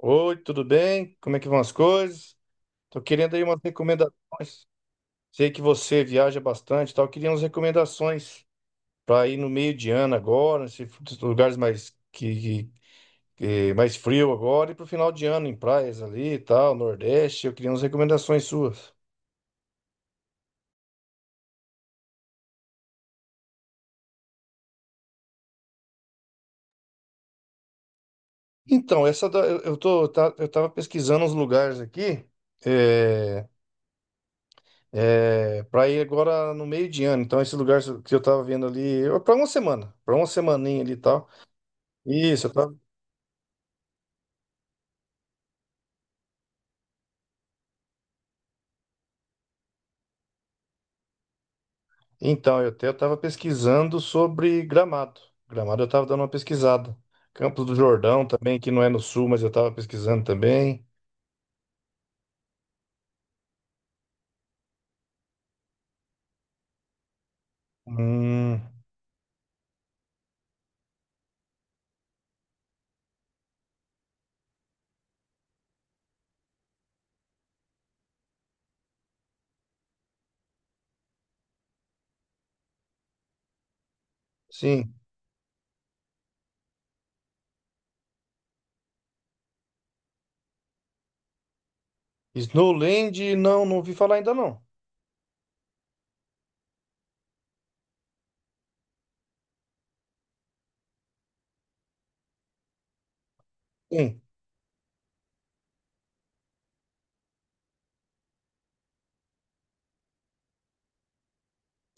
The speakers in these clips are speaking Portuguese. Oi, tudo bem? Como é que vão as coisas? Tô querendo aí umas recomendações. Sei que você viaja bastante, e tal. Eu queria umas recomendações para ir no meio de ano agora, nesses lugares mais que- mais frio agora e pro final de ano em praias ali, e tal, Nordeste. Eu queria umas recomendações suas. Então, essa da- eu tô tá- eu tava pesquisando uns lugares aqui é, para ir agora no meio de ano. Então, esse lugar que eu tava vendo ali, para uma semana, para uma semaninha ali, e tal. Isso, então, eu até estava pesquisando sobre Gramado. Gramado eu estava dando uma pesquisada. Campos do Jordão também, que não é no sul, mas eu estava pesquisando também. Hum, sim. Snowland, não, não ouvi falar ainda não. Sim.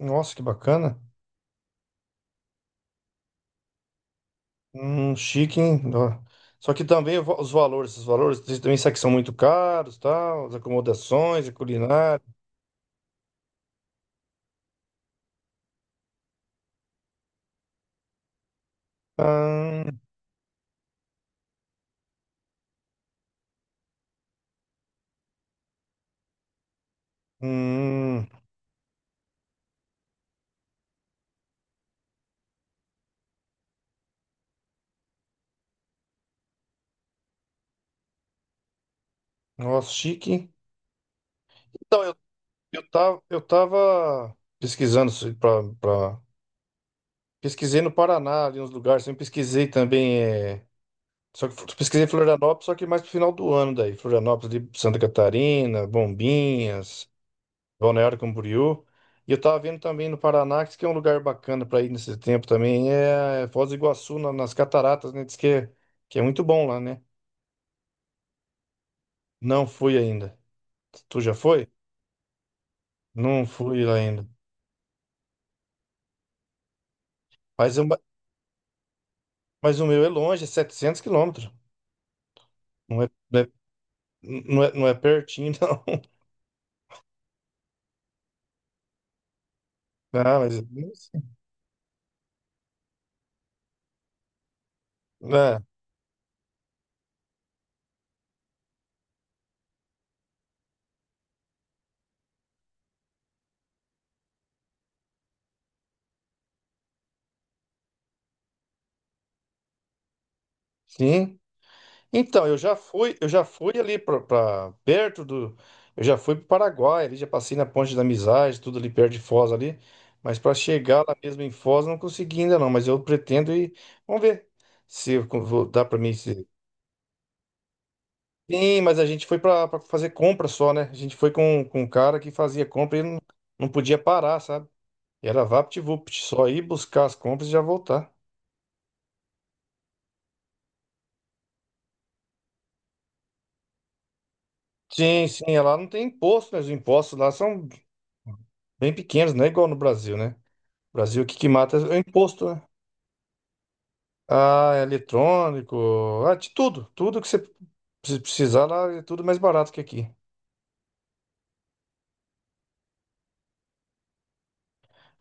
Nossa, que bacana. Chique, hein? Ó. Só que também os valores vocês também sabem que são muito caros, tal, as acomodações, a culinária. Ah, hum. Nossa, chique, hein? Então, eu tava pesquisando para pesquisei no Paraná, ali uns lugares, também pesquisei também, é, só que pesquisei Florianópolis, só que mais pro final do ano daí, Florianópolis ali, Santa Catarina, Bombinhas, Balneário Camboriú. E eu tava vendo também no Paraná, que diz que é um lugar bacana para ir nesse tempo também, é Foz do Iguaçu, nas cataratas, né? Diz que é muito bom lá, né? Não fui ainda. Tu já foi? Não fui lá ainda. Mas, eu- mas o meu é longe, é 700 quilômetros. Não é, não é não é pertinho, não. Ah, mas é, bem assim. É, sim. Então, eu já fui ali para perto do, eu já fui para o Paraguai, ali já passei na Ponte da Amizade, tudo ali perto de Foz ali, mas para chegar lá mesmo em Foz não consegui ainda não, mas eu pretendo ir. Vamos ver. Se eu con- vou- dá para mim se- Sim, mas a gente foi para fazer compra só, né? A gente foi com um cara que fazia compra e não podia parar, sabe? Era VaptVupt, só ir buscar as compras e já voltar. Sim, sim, é lá não tem imposto, né? Os impostos lá são bem pequenos, não é igual no Brasil, né? No Brasil, o que que mata é o imposto, né? Ah, é eletrônico, ah, de tudo. Tudo que você precisar lá é tudo mais barato que aqui.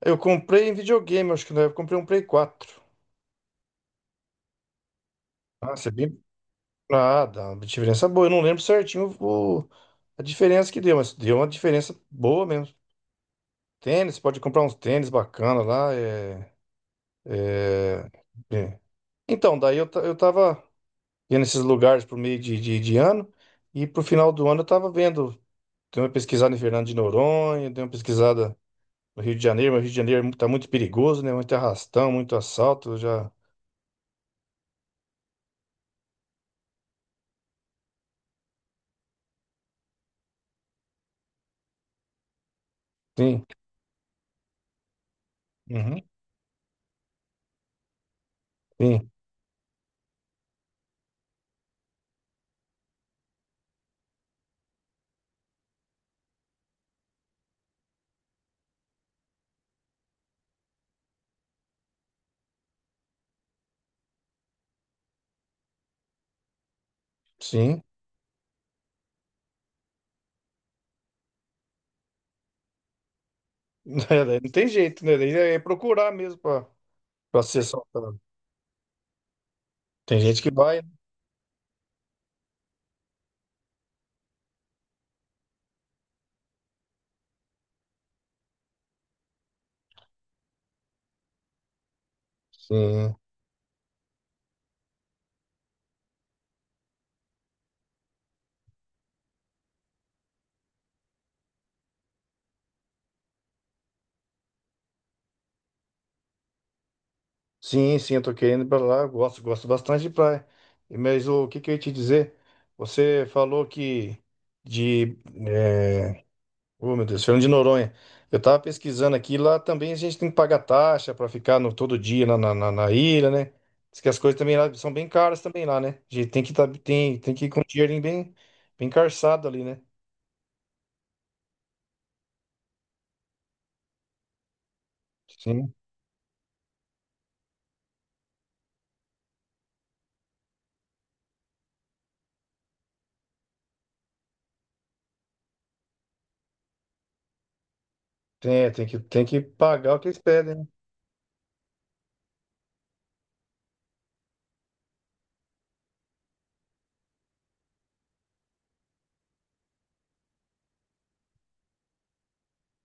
Eu comprei em videogame, acho que na época eu comprei um Play 4. Ah, você bem. Ah, dá uma diferença boa. Eu não lembro certinho a diferença que deu, mas deu uma diferença boa mesmo. Tênis, pode comprar uns tênis bacana lá. É... é. Então, daí eu, ta- eu tava. Ia nesses lugares por meio de ano. E pro final do ano eu tava vendo, dei uma pesquisada em Fernando de Noronha, dei uma pesquisada no Rio de Janeiro, mas o Rio de Janeiro tá muito perigoso, né? Muito arrastão, muito assalto, eu já. Sim, uhum, sim, sim. Daí não tem jeito, né? Daí é procurar mesmo pra ser assaltado. Tem gente que vai, né? Sim, sim, sim, eu tô querendo ir pra lá, eu gosto, gosto bastante de praia. Mas o que que eu ia te dizer? Você falou que de, eh, Ô, meu Deus, Fernando de Noronha. Eu tava pesquisando aqui, lá também a gente tem que pagar taxa para ficar no, todo dia na ilha, né? Diz que as coisas também lá são bem caras também lá, né? A gente tem que ir com o dinheirinho bem, bem carçado ali, né? Sim, tem que pagar o que eles pedem, né?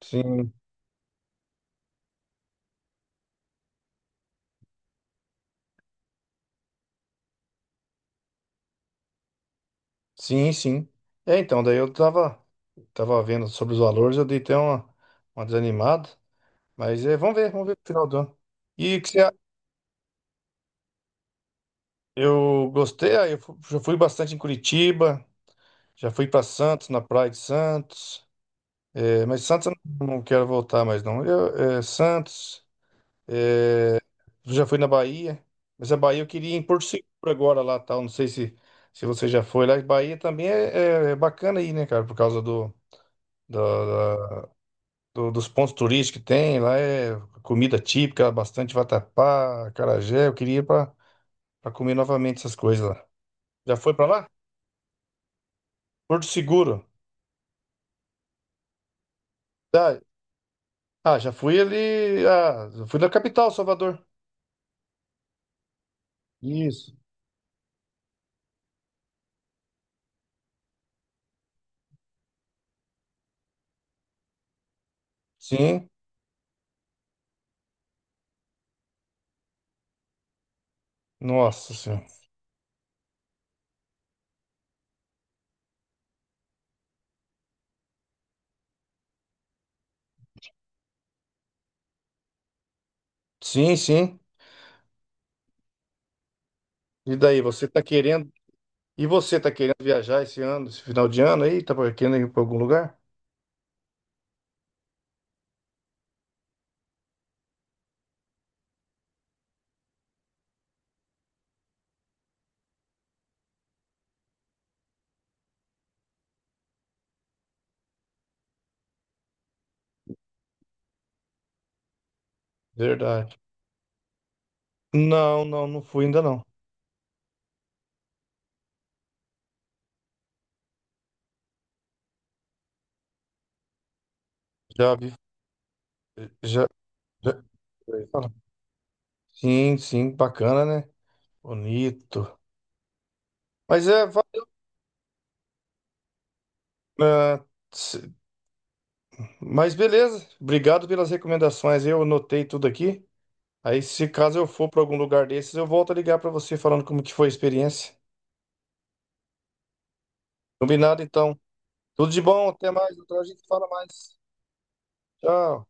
Sim, sim, sim. É, então, daí eu tava vendo sobre os valores, eu dei até uma desanimada, mas é, vamos ver no final do ano. E o que você, a- eu gostei, já fui bastante em Curitiba. Já fui para Santos, na Praia de Santos. É, mas Santos eu não quero voltar mais, não. Eu, Santos. é, Já fui na Bahia. Mas a Bahia eu queria ir em Porto Seguro agora lá, tal. Não sei se você já foi lá. Bahia também é bacana aí, né, cara? Por causa do, da- da- do- dos pontos turísticos que tem. Lá é comida típica, bastante vatapá, acarajé. Eu queria ir para comer novamente essas coisas lá. Já foi para lá? Porto Seguro. Tá, ah, já fui ali. Ah, já fui na capital, Salvador. Isso. Sim. Nossa Senhora. Sim, sim. E daí, você tá querendo. E você tá querendo viajar esse ano, esse final de ano aí? Tá querendo ir pra algum lugar? Verdade. Não, não, não fui ainda não. Já vi. Já, já... fala. Sim, sim, bacana, né? Bonito. Mas é. va- ah, se- Mas beleza. Obrigado pelas recomendações. Eu anotei tudo aqui. Aí, se caso eu for para algum lugar desses, eu volto a ligar para você falando como que foi a experiência. Combinado, então. Tudo de bom, até mais. Outra hora a gente fala mais. Tchau.